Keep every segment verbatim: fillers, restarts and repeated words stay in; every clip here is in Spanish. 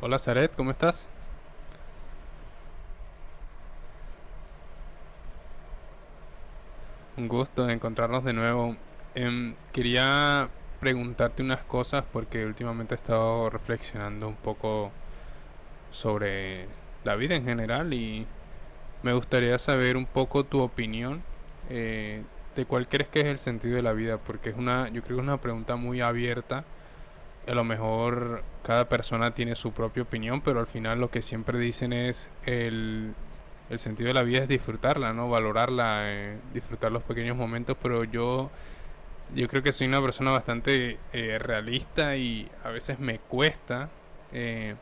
Hola Zaret, ¿cómo estás? Un gusto de encontrarnos de nuevo. Em, quería preguntarte unas cosas porque últimamente he estado reflexionando un poco sobre la vida en general y me gustaría saber un poco tu opinión, eh, de cuál crees que es el sentido de la vida, porque es una, yo creo que es una pregunta muy abierta. A lo mejor cada persona tiene su propia opinión, pero al final lo que siempre dicen es el, el sentido de la vida es disfrutarla, ¿no? Valorarla, eh, disfrutar los pequeños momentos, pero yo, yo creo que soy una persona bastante eh, realista y a veces me cuesta, eh,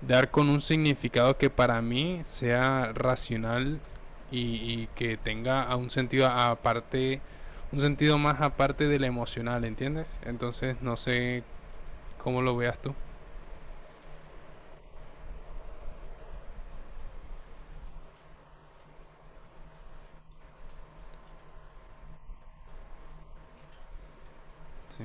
dar con un significado que para mí sea racional y, y que tenga a un sentido aparte, un sentido más aparte del emocional, ¿entiendes? Entonces no sé cómo lo veas tú. Sí.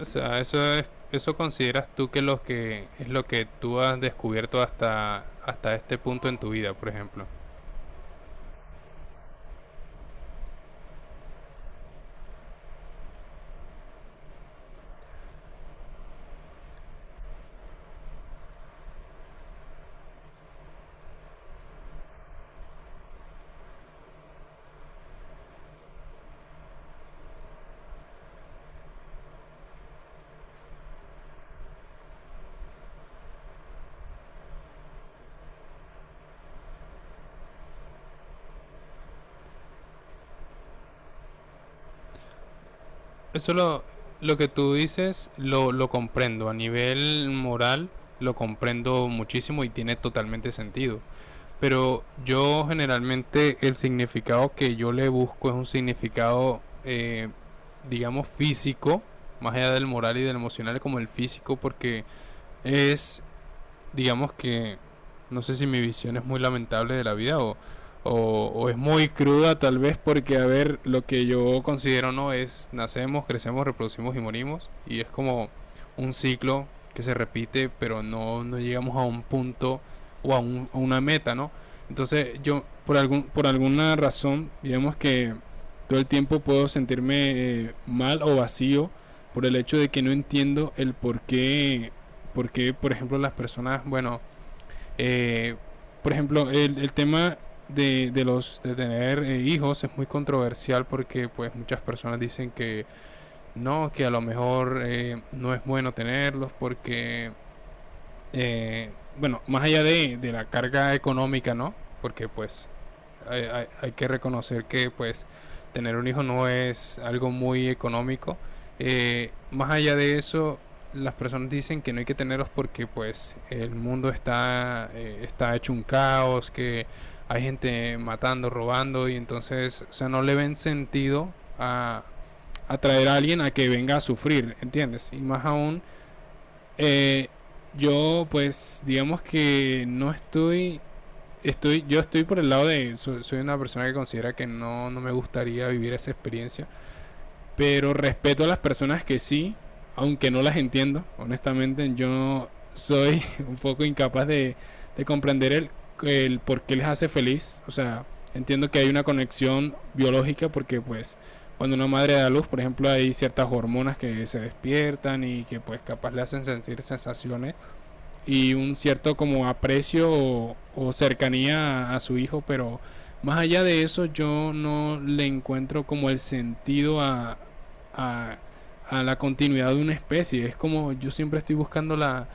O sea, eso es, eso consideras tú que lo que es lo que tú has descubierto hasta hasta este punto en tu vida, por ejemplo. Eso lo lo que tú dices lo lo comprendo a nivel moral, lo comprendo muchísimo y tiene totalmente sentido. Pero yo generalmente el significado que yo le busco es un significado, eh, digamos físico, más allá del moral y del emocional como el físico porque es, digamos que no sé si mi visión es muy lamentable de la vida o, o, o es muy cruda tal vez porque, a ver, lo que yo considero no es nacemos, crecemos, reproducimos y morimos y es como un ciclo que se repite pero no, no llegamos a un punto o a, un, a una meta, ¿no? Entonces yo por, algún, por alguna razón, digamos que todo el tiempo puedo sentirme, eh, mal o vacío por el hecho de que no entiendo el por qué porque, por ejemplo, las personas, bueno, eh, por ejemplo, el, el tema de, de, los de tener, eh, hijos es muy controversial porque pues muchas personas dicen que no, que a lo mejor, eh, no es bueno tenerlos porque, eh, bueno, más allá de, de, la carga económica, ¿no? Porque pues hay, hay, hay que reconocer que pues tener un hijo no es algo muy económico. Eh, más allá de eso, las personas dicen que no hay que tenerlos porque pues el mundo está, eh, está hecho un caos, que hay gente matando, robando y entonces, o sea, no le ven sentido a atraer a alguien a que venga a sufrir, ¿entiendes? Y más aún, eh, yo, pues, digamos que no estoy. Estoy, yo estoy por el lado de. so- Soy una persona que considera que no, no me gustaría vivir esa experiencia. Pero respeto a las personas que sí, aunque no las entiendo. Honestamente, yo soy un poco incapaz de, de comprender el, el por qué les hace feliz. O sea, entiendo que hay una conexión biológica porque, pues, cuando una madre da luz, por ejemplo, hay ciertas hormonas que se despiertan y que, pues, capaz le hacen sentir sensaciones y un cierto como aprecio o, o cercanía a, a, su hijo, pero más allá de eso yo no le encuentro como el sentido a, a, a la continuidad de una especie. Es como yo siempre estoy buscando la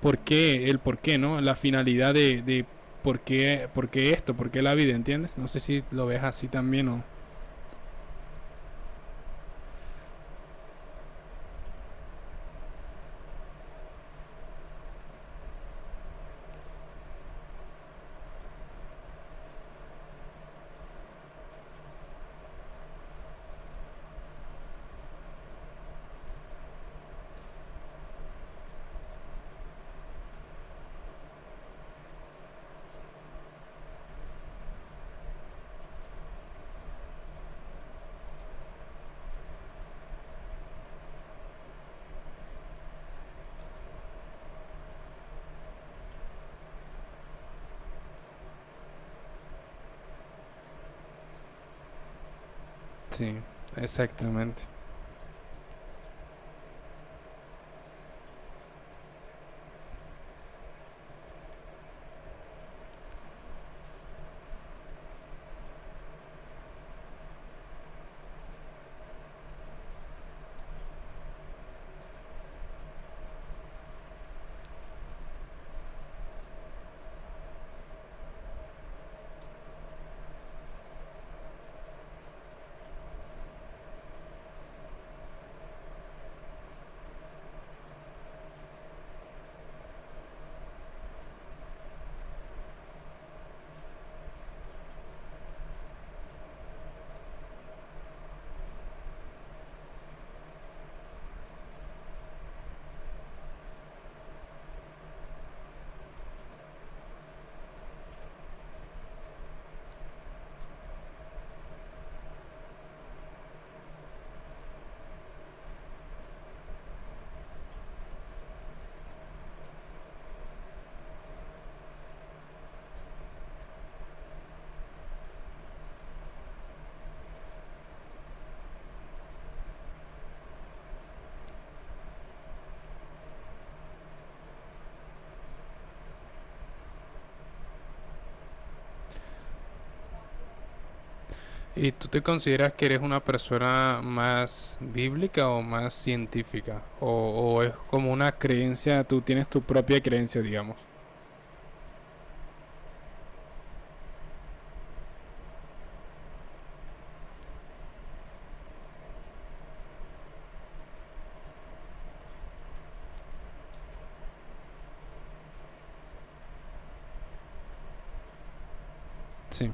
por qué, el por qué, ¿no? La finalidad de, de por, qué, por qué esto, por qué la vida, ¿entiendes? No sé si lo ves así también o... Sí, exactamente. ¿Y tú te consideras que eres una persona más bíblica o más científica? ¿O, o es como una creencia, tú tienes tu propia creencia, digamos? Sí.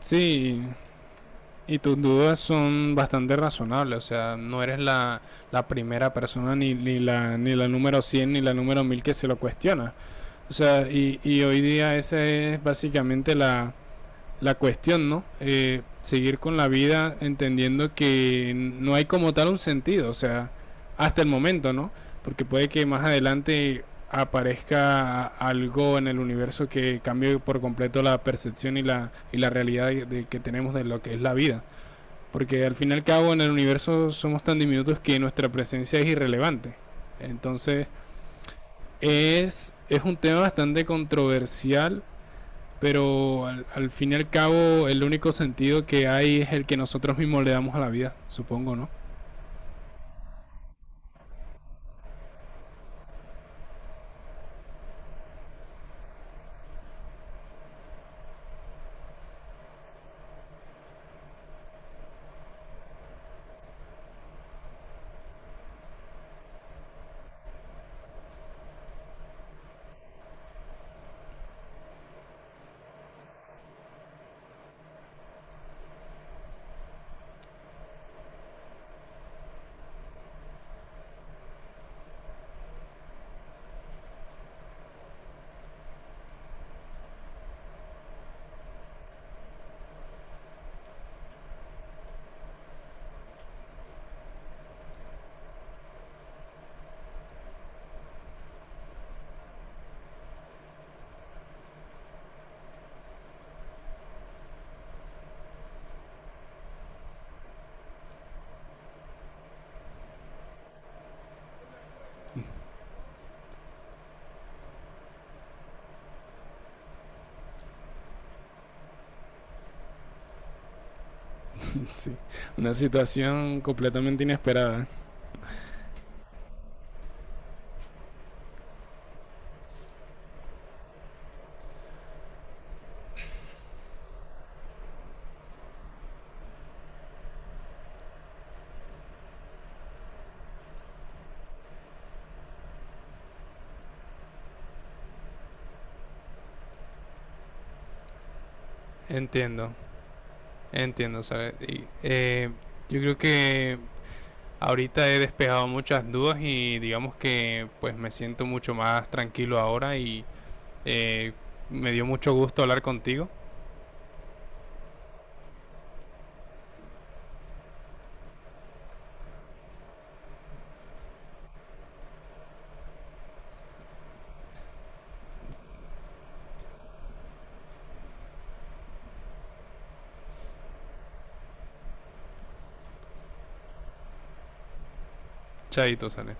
Sí, y tus dudas son bastante razonables, o sea, no eres la, la primera persona, ni, ni, la, ni la número cien ni la número mil que se lo cuestiona. O sea, y, y hoy día esa es básicamente la, la cuestión, ¿no? Eh, seguir con la vida entendiendo que no hay como tal un sentido, o sea, hasta el momento, ¿no? Porque puede que más adelante aparezca algo en el universo que cambie por completo la percepción y la, y la realidad de, de que tenemos de lo que es la vida. Porque al fin y al cabo en el universo somos tan diminutos que nuestra presencia es irrelevante. Entonces es, es un tema bastante controversial, pero al, al fin y al cabo, el único sentido que hay es el que nosotros mismos le damos a la vida, supongo, ¿no? Sí, una situación completamente inesperada. Entiendo, entiendo, ¿sabes? Y, eh, yo creo que ahorita he despejado muchas dudas y digamos que pues me siento mucho más tranquilo ahora y, eh, me dio mucho gusto hablar contigo. Chaito, sale.